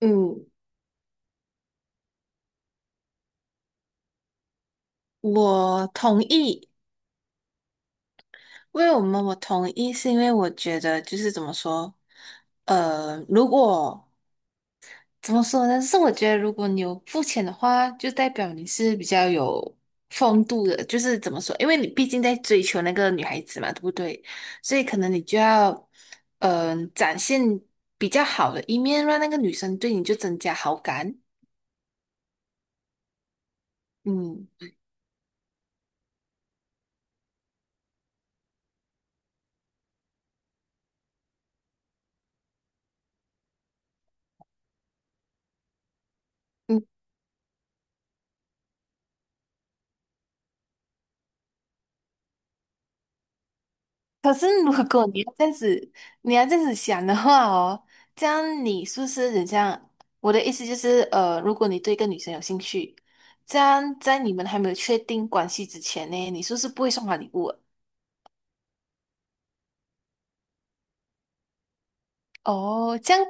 嗯，我同意。为我们我同意，是因为我觉得就是怎么说，如果怎么说呢？是我觉得如果你有付钱的话，就代表你是比较有风度的。就是怎么说，因为你毕竟在追求那个女孩子嘛，对不对？所以可能你就要，展现比较好的一面，让那个女生对你就增加好感。嗯。可是如果你要这样子，你要这样子想的话哦，这样你是不是很像？我的意思就是，如果你对一个女生有兴趣，这样在你们还没有确定关系之前呢，你是不是不会送她礼物的？哦，这样，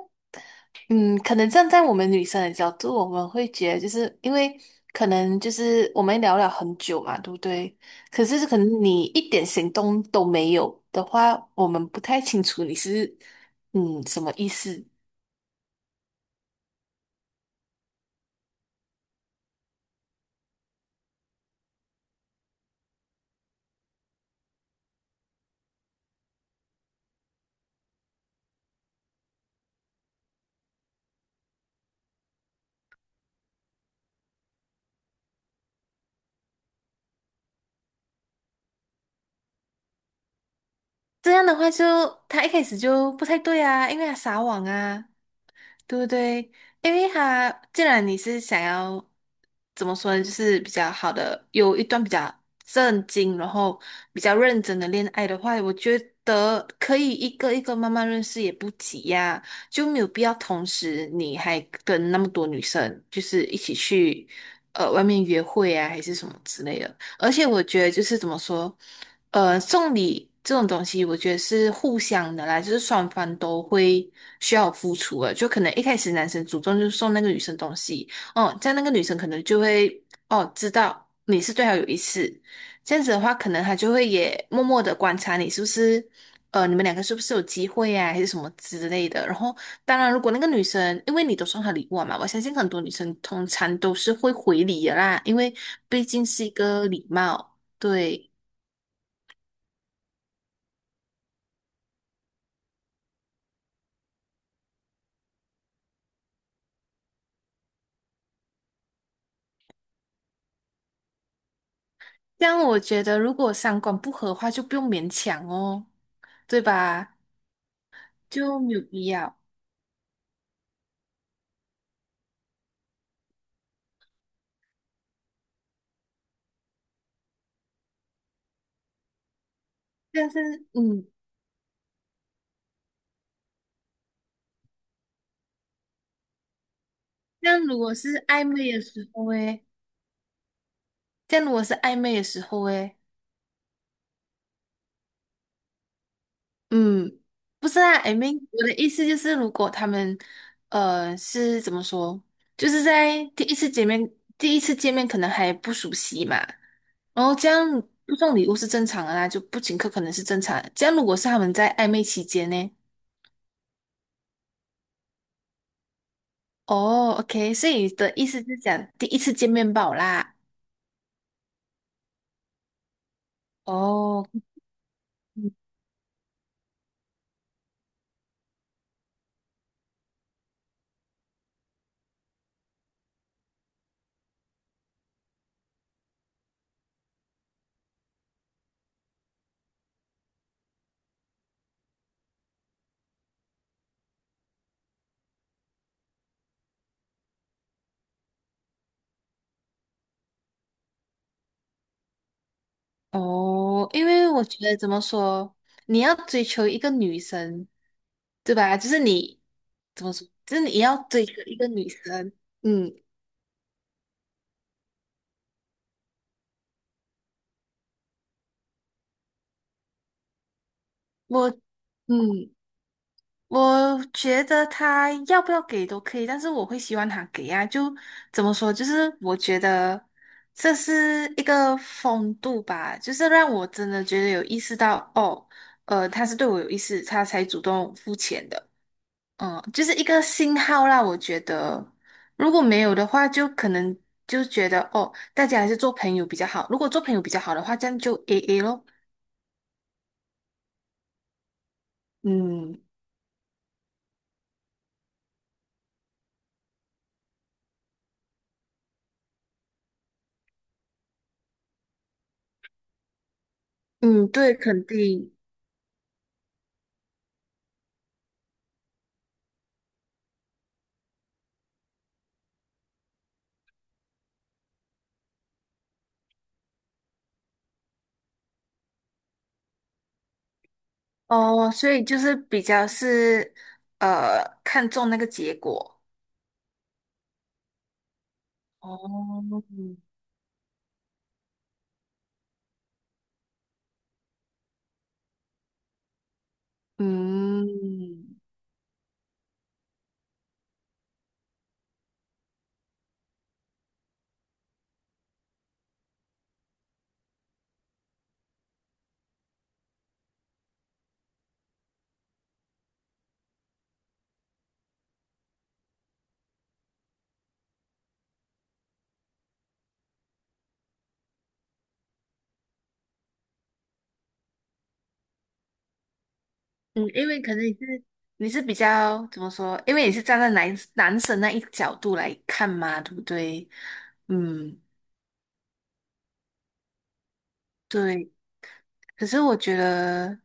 可能站在我们女生的角度，我们会觉得就是因为可能就是我们聊了很久嘛，对不对？可是可能你一点行动都没有的话，我们不太清楚你是什么意思。这样的话就，他一开始就不太对啊，因为他撒网啊，对不对？因为他既然你是想要怎么说呢，就是比较好的，有一段比较正经，然后比较认真的恋爱的话，我觉得可以一个一个慢慢认识也不急呀、就没有必要同时你还跟那么多女生就是一起去外面约会啊，还是什么之类的。而且我觉得就是怎么说，送礼这种东西，我觉得是互相的啦，就是双方都会需要付出的。就可能一开始男生主动就送那个女生东西，哦，这样那个女生可能就会哦知道你是对她有意思，这样子的话，可能她就会也默默的观察你是不是，你们两个是不是有机会啊，还是什么之类的。然后当然，如果那个女生，因为你都送她礼物了嘛，我相信很多女生通常都是会回礼的啦，因为毕竟是一个礼貌。对，这样我觉得，如果三观不合的话，就不用勉强哦，对吧？就没有必要。但是，嗯，这样如果是暧昧的时候，诶，这样如果是暧昧的时候，诶。嗯，不是啊，我的意思就是，如果他们，是怎么说，就是在第一次见面，第一次见面可能还不熟悉嘛，然后这样不送礼物是正常的啦，就不请客可能是正常的这样如果是他们在暧昧期间呢？哦，OK，所以你的意思是讲第一次见面吧啦？哦哦，因为我觉得怎么说，你要追求一个女生，对吧？就是你怎么说，就是你要追求一个女生。嗯，我嗯，我觉得他要不要给都可以，但是我会希望他给啊。就怎么说，就是我觉得这是一个风度吧，就是让我真的觉得有意识到，哦，他是对我有意思，他才主动付钱的。就是一个信号啦，我觉得，如果没有的话，就可能就觉得哦，大家还是做朋友比较好。如果做朋友比较好的话，这样就 AA 咯。嗯嗯，对，肯定哦，所以就是比较是看重那个结果。哦，嗯嗯，因为可能你是比较怎么说？因为你是站在男生那一角度来看嘛，对不对？嗯。对，可是我觉得，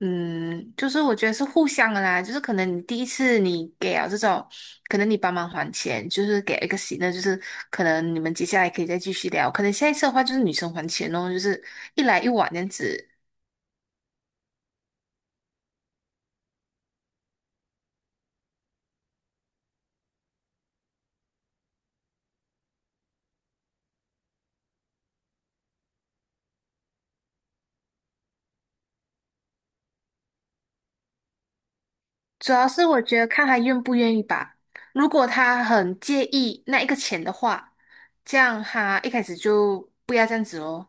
就是我觉得是互相的啦，就是可能你第一次你给了这种，可能你帮忙还钱，就是给了一个喜乐，就是可能你们接下来可以再继续聊，可能下一次的话就是女生还钱哦，就是一来一往这样子。主要是我觉得看他愿不愿意吧，如果他很介意那一个钱的话，这样他一开始就不要这样子哦。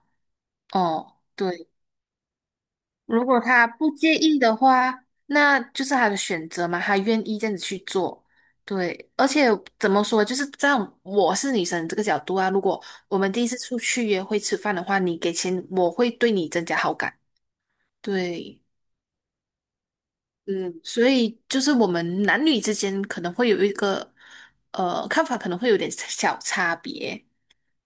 哦，对。如果他不介意的话，那就是他的选择嘛，他愿意这样子去做。对，而且怎么说，就是在我是女生这个角度啊，如果我们第一次出去约会吃饭的话，你给钱，我会对你增加好感。对，嗯，所以就是我们男女之间可能会有一个看法，可能会有点小差别。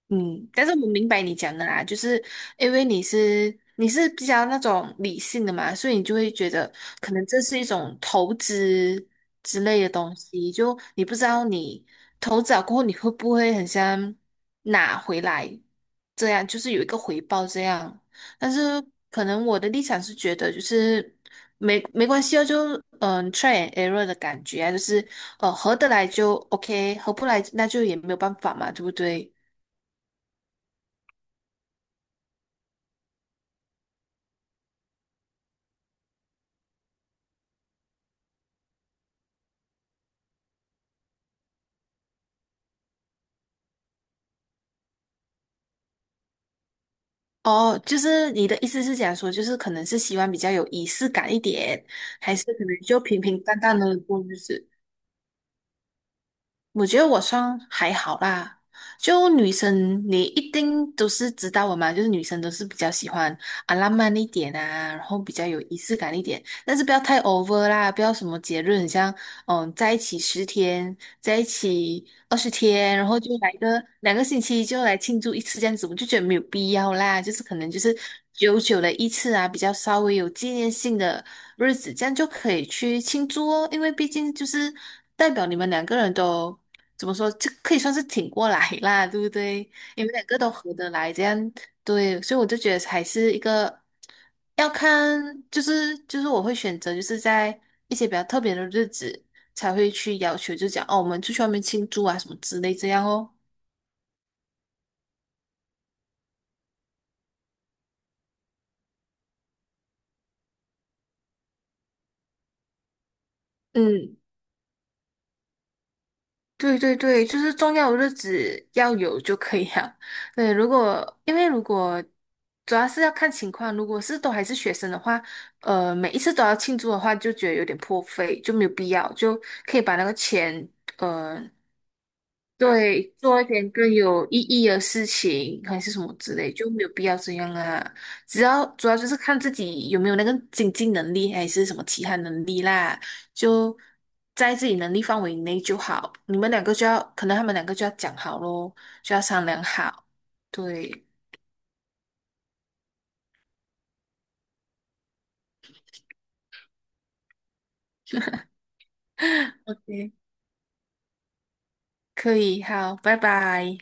但是我明白你讲的啦，就是因为你是比较那种理性的嘛，所以你就会觉得可能这是一种投资之类的东西，就你不知道你投资了过后你会不会很像拿回来，这样就是有一个回报这样。但是可能我的立场是觉得就是没关系啊，就try and error 的感觉啊，就是合得来就 OK，合不来那就也没有办法嘛，对不对？哦，就是你的意思是讲说，就是可能是希望比较有仪式感一点，还是可能就平平淡淡的过日子？我觉得我算还好啦，就女生你一定都是知道我嘛，就是女生都是比较喜欢啊浪漫一点啊，然后比较有仪式感一点，但是不要太 over 啦，不要什么节日很像在一起十天，在一起20天，然后就来个2个星期就来庆祝一次这样子，我就觉得没有必要啦，就是可能就是久久的一次啊，比较稍微有纪念性的日子，这样就可以去庆祝哦，因为毕竟就是代表你们两个人都。怎么说，这可以算是挺过来啦，对不对？你们两个都合得来，这样对，所以我就觉得还是一个要看，就是我会选择就是在一些比较特别的日子才会去要求，就讲哦，我们出去外面庆祝啊什么之类这样哦。嗯。对对对，就是重要的日子要有就可以了。对，如果主要是要看情况，如果是都还是学生的话，每一次都要庆祝的话，就觉得有点破费，就没有必要，就可以把那个钱，呃，对，做一点更有意义的事情，还是什么之类，就没有必要这样啊。只要主要就是看自己有没有那个经济能力，还是什么其他能力啦，就在自己能力范围内就好。你们两个就要，可能他们两个就要讲好咯，就要商量好。对 ，OK，可以，好，拜拜。